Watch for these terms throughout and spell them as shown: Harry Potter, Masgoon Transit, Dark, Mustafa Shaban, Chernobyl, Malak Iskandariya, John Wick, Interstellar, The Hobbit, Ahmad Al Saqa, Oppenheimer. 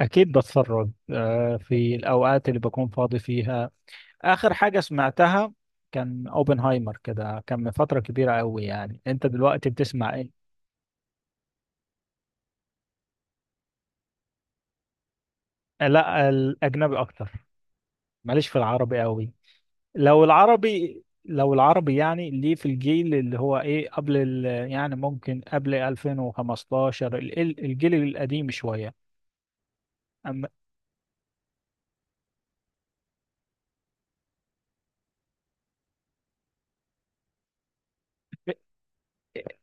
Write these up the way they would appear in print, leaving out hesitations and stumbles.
أكيد بتفرج في الأوقات اللي بكون فاضي فيها. آخر حاجة سمعتها كان أوبنهايمر، كده كان من فترة كبيرة أوي. يعني أنت دلوقتي بتسمع إيه؟ آه، لا الأجنبي أكتر. ماليش في العربي أوي. لو العربي يعني، ليه في الجيل اللي هو إيه يعني ممكن قبل 2015، الجيل القديم شوية. أما.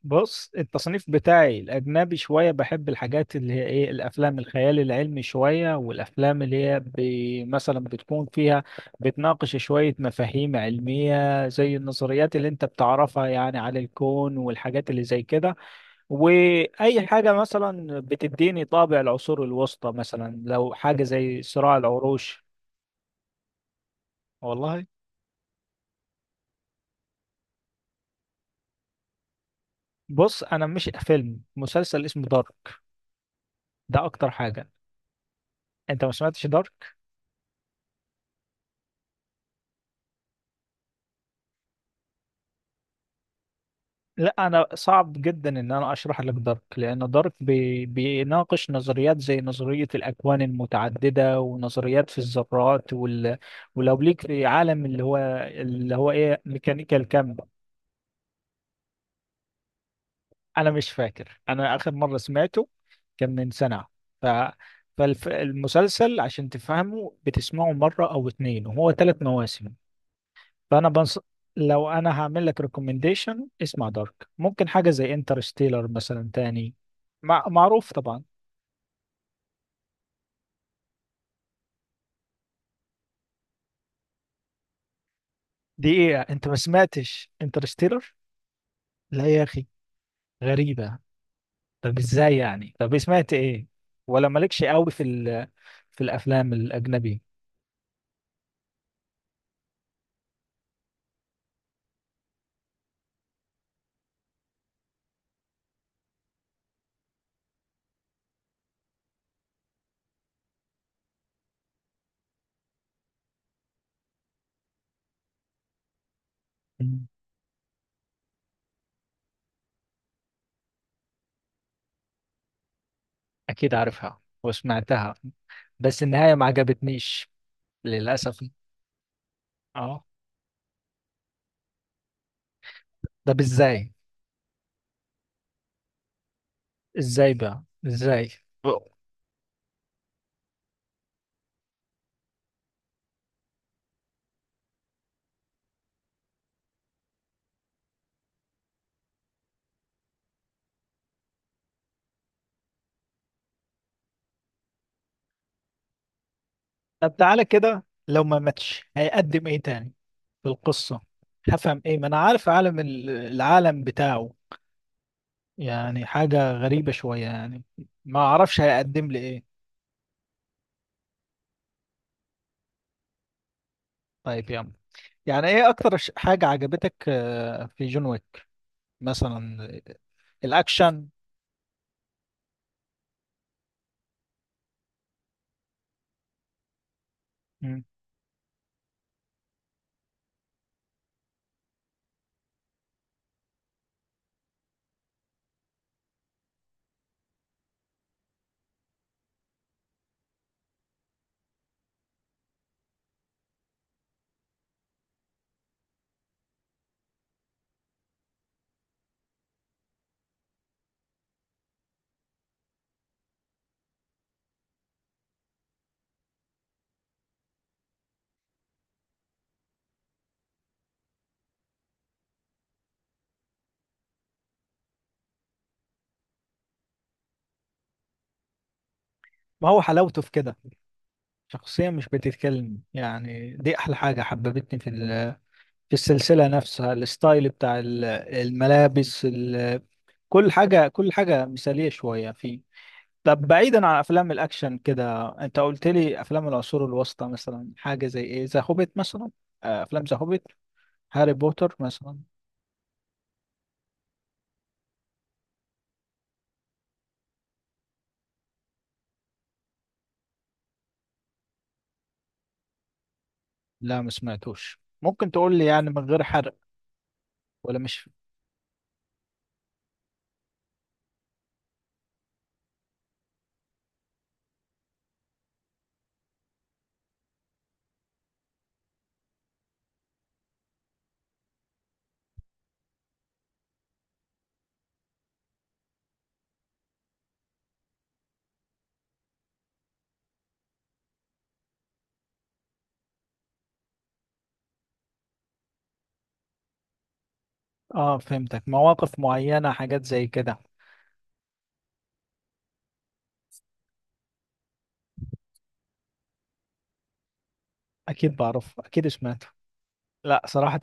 بص، التصنيف بتاعي الأجنبي شوية، بحب الحاجات اللي هي إيه الأفلام الخيال العلمي شوية، والأفلام اللي هي مثلا بتكون فيها، بتناقش شوية مفاهيم علمية زي النظريات اللي أنت بتعرفها يعني على الكون والحاجات اللي زي كده. وأي حاجة مثلا بتديني طابع العصور الوسطى، مثلا لو حاجة زي صراع العروش. والله، بص، أنا مش فيلم، مسلسل اسمه دارك. ده أكتر حاجة. أنت ما سمعتش دارك؟ لا، انا صعب جدا ان انا اشرح لك دارك، لان دارك بيناقش نظريات زي نظريه الاكوان المتعدده، ونظريات في الذرات ولو ليك في عالم اللي هو ايه، ميكانيكا الكم. انا مش فاكر، انا اخر مره سمعته كان من سنه. ف فالمسلسل عشان تفهمه بتسمعه مره او اتنين، وهو ثلاث مواسم. فانا بنص... لو انا هعمل لك ريكومنديشن اسمع دارك، ممكن حاجه زي انترستيلر مثلا تاني، معروف طبعا. دي ايه يعني؟ انت ما سمعتش انترستيلر؟ لا يا اخي، غريبه. طب ازاي يعني، طب سمعت ايه، ولا مالكش قوي في الافلام الاجنبي. مم. اكيد عارفها وسمعتها، بس النهايه ما عجبتنيش للاسف. اه. طب ازاي، ازاي بقى ازاي؟ طب تعالى كده، لو ما ماتش هيقدم ايه تاني في القصة؟ هفهم ايه؟ ما انا عارف عالم العالم بتاعه، يعني حاجة غريبة شوية يعني. ما اعرفش هيقدم لي ايه. طيب يا عم، يعني ايه اكتر حاجة عجبتك في جون ويك مثلا؟ الاكشن. مم. ما هو حلاوته في كده، شخصية مش بتتكلم يعني، دي احلى حاجة حببتني في السلسلة نفسها. الستايل بتاع الملابس، كل حاجة كل حاجة مثالية شوية فيه. طب بعيدا عن أفلام الأكشن كده، أنت قلت لي أفلام العصور الوسطى، مثلا حاجة زي إيه، ذا هوبيت مثلا؟ آه، أفلام ذا هوبيت، هاري بوتر مثلا. لا، ما سمعتوش، ممكن تقول لي يعني من غير حرق؟ ولا مش. آه، فهمتك، مواقف معينة، حاجات زي كده. أكيد بعرف، أكيد سمعته. لا صراحة،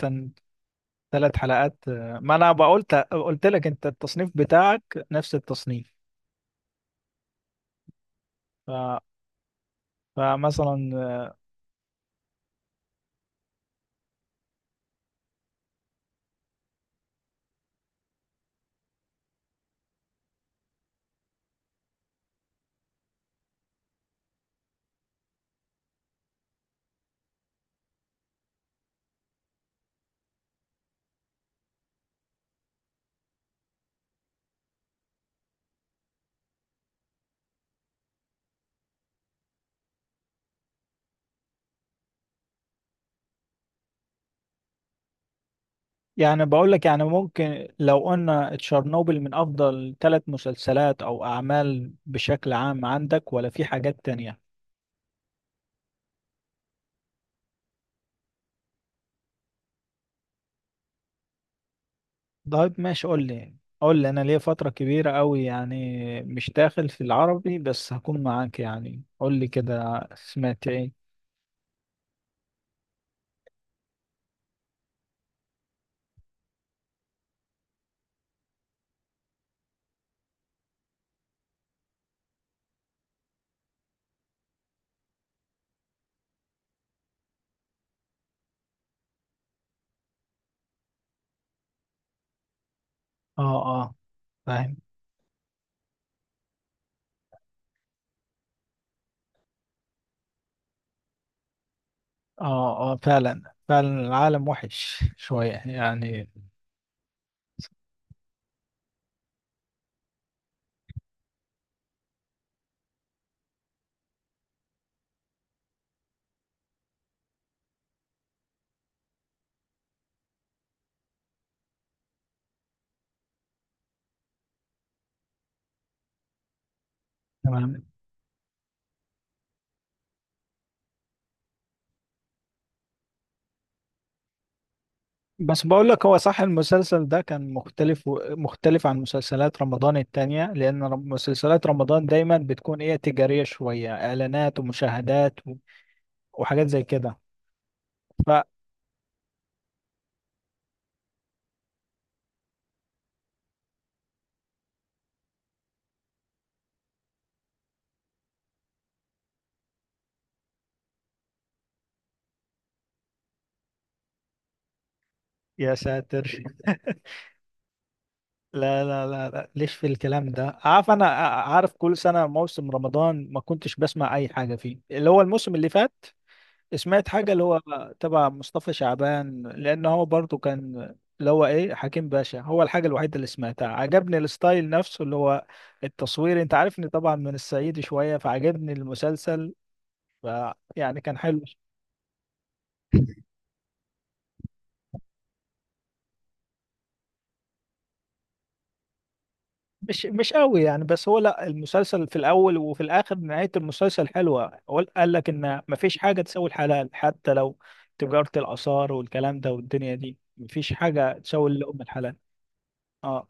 ثلاث حلقات. ما انا قلت لك انت التصنيف بتاعك نفس التصنيف. ف... فمثلا، يعني بقول لك يعني ممكن لو قلنا تشيرنوبل من افضل ثلاث مسلسلات او اعمال بشكل عام عندك، ولا في حاجات تانية؟ طيب ماشي، قول لي يعني. قول لي، انا ليا فترة كبيرة قوي يعني مش داخل في العربي، بس هكون معاك، يعني قول لي كده سمعت ايه. اه، اه، فاهم. اه، اه، فعلا فعلا، العالم وحش شوية يعني. تمام. بس بقول لك هو صح، المسلسل ده كان مختلف، مختلف عن مسلسلات رمضان التانية، لأن مسلسلات رمضان دايما بتكون إيه، تجارية شوية، إعلانات ومشاهدات وحاجات زي كده. ف يا ساتر لا لا لا لا، ليش في الكلام ده، عارف أنا، عارف كل سنة موسم رمضان ما كنتش بسمع أي حاجة فيه، اللي هو الموسم اللي فات سمعت حاجة اللي هو تبع مصطفى شعبان، لأن هو برضو كان اللي هو إيه حكيم باشا، هو الحاجة الوحيدة اللي سمعتها. عجبني الستايل نفسه اللي هو التصوير، أنت عارفني طبعا من الصعيد شوية، فعجبني المسلسل. ف يعني كان حلو. مش قوي يعني، بس هو لا المسلسل في الأول وفي الآخر، نهاية المسلسل حلوة، هو قال لك إن مفيش حاجة تساوي الحلال، حتى لو تجارة الآثار والكلام ده، والدنيا دي مفيش حاجة تساوي اللقمة الحلال. اه،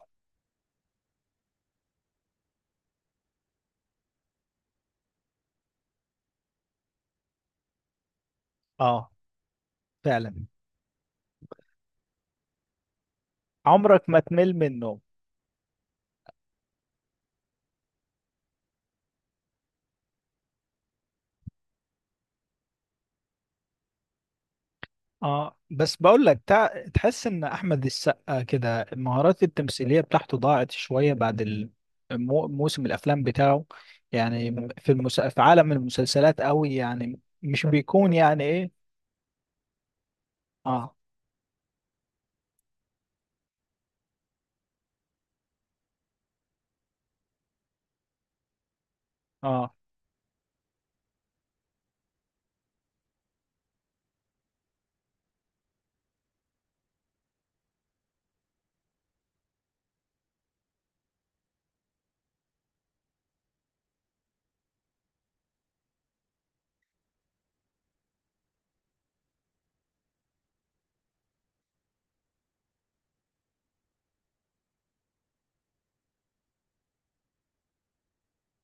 اه، فعلا. عمرك ما تمل منه. اه، بس بقول لك تحس ان احمد السقا كده المهارات التمثيليه بتاعته ضاعت شويه بعد موسم الافلام بتاعه. يعني في عالم المسلسلات قوي يعني، مش بيكون يعني ايه. اه، اه.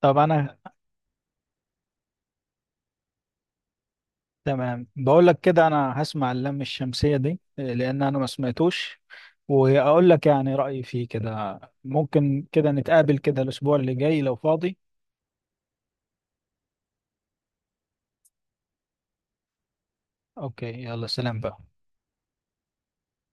طب انا. تمام، بقول لك كده انا هسمع اللم الشمسيه دي لان انا ما سمعتوش، واقول لك يعني رايي فيه كده. ممكن كده نتقابل كده الاسبوع اللي جاي لو فاضي. اوكي، يلا سلام بقى.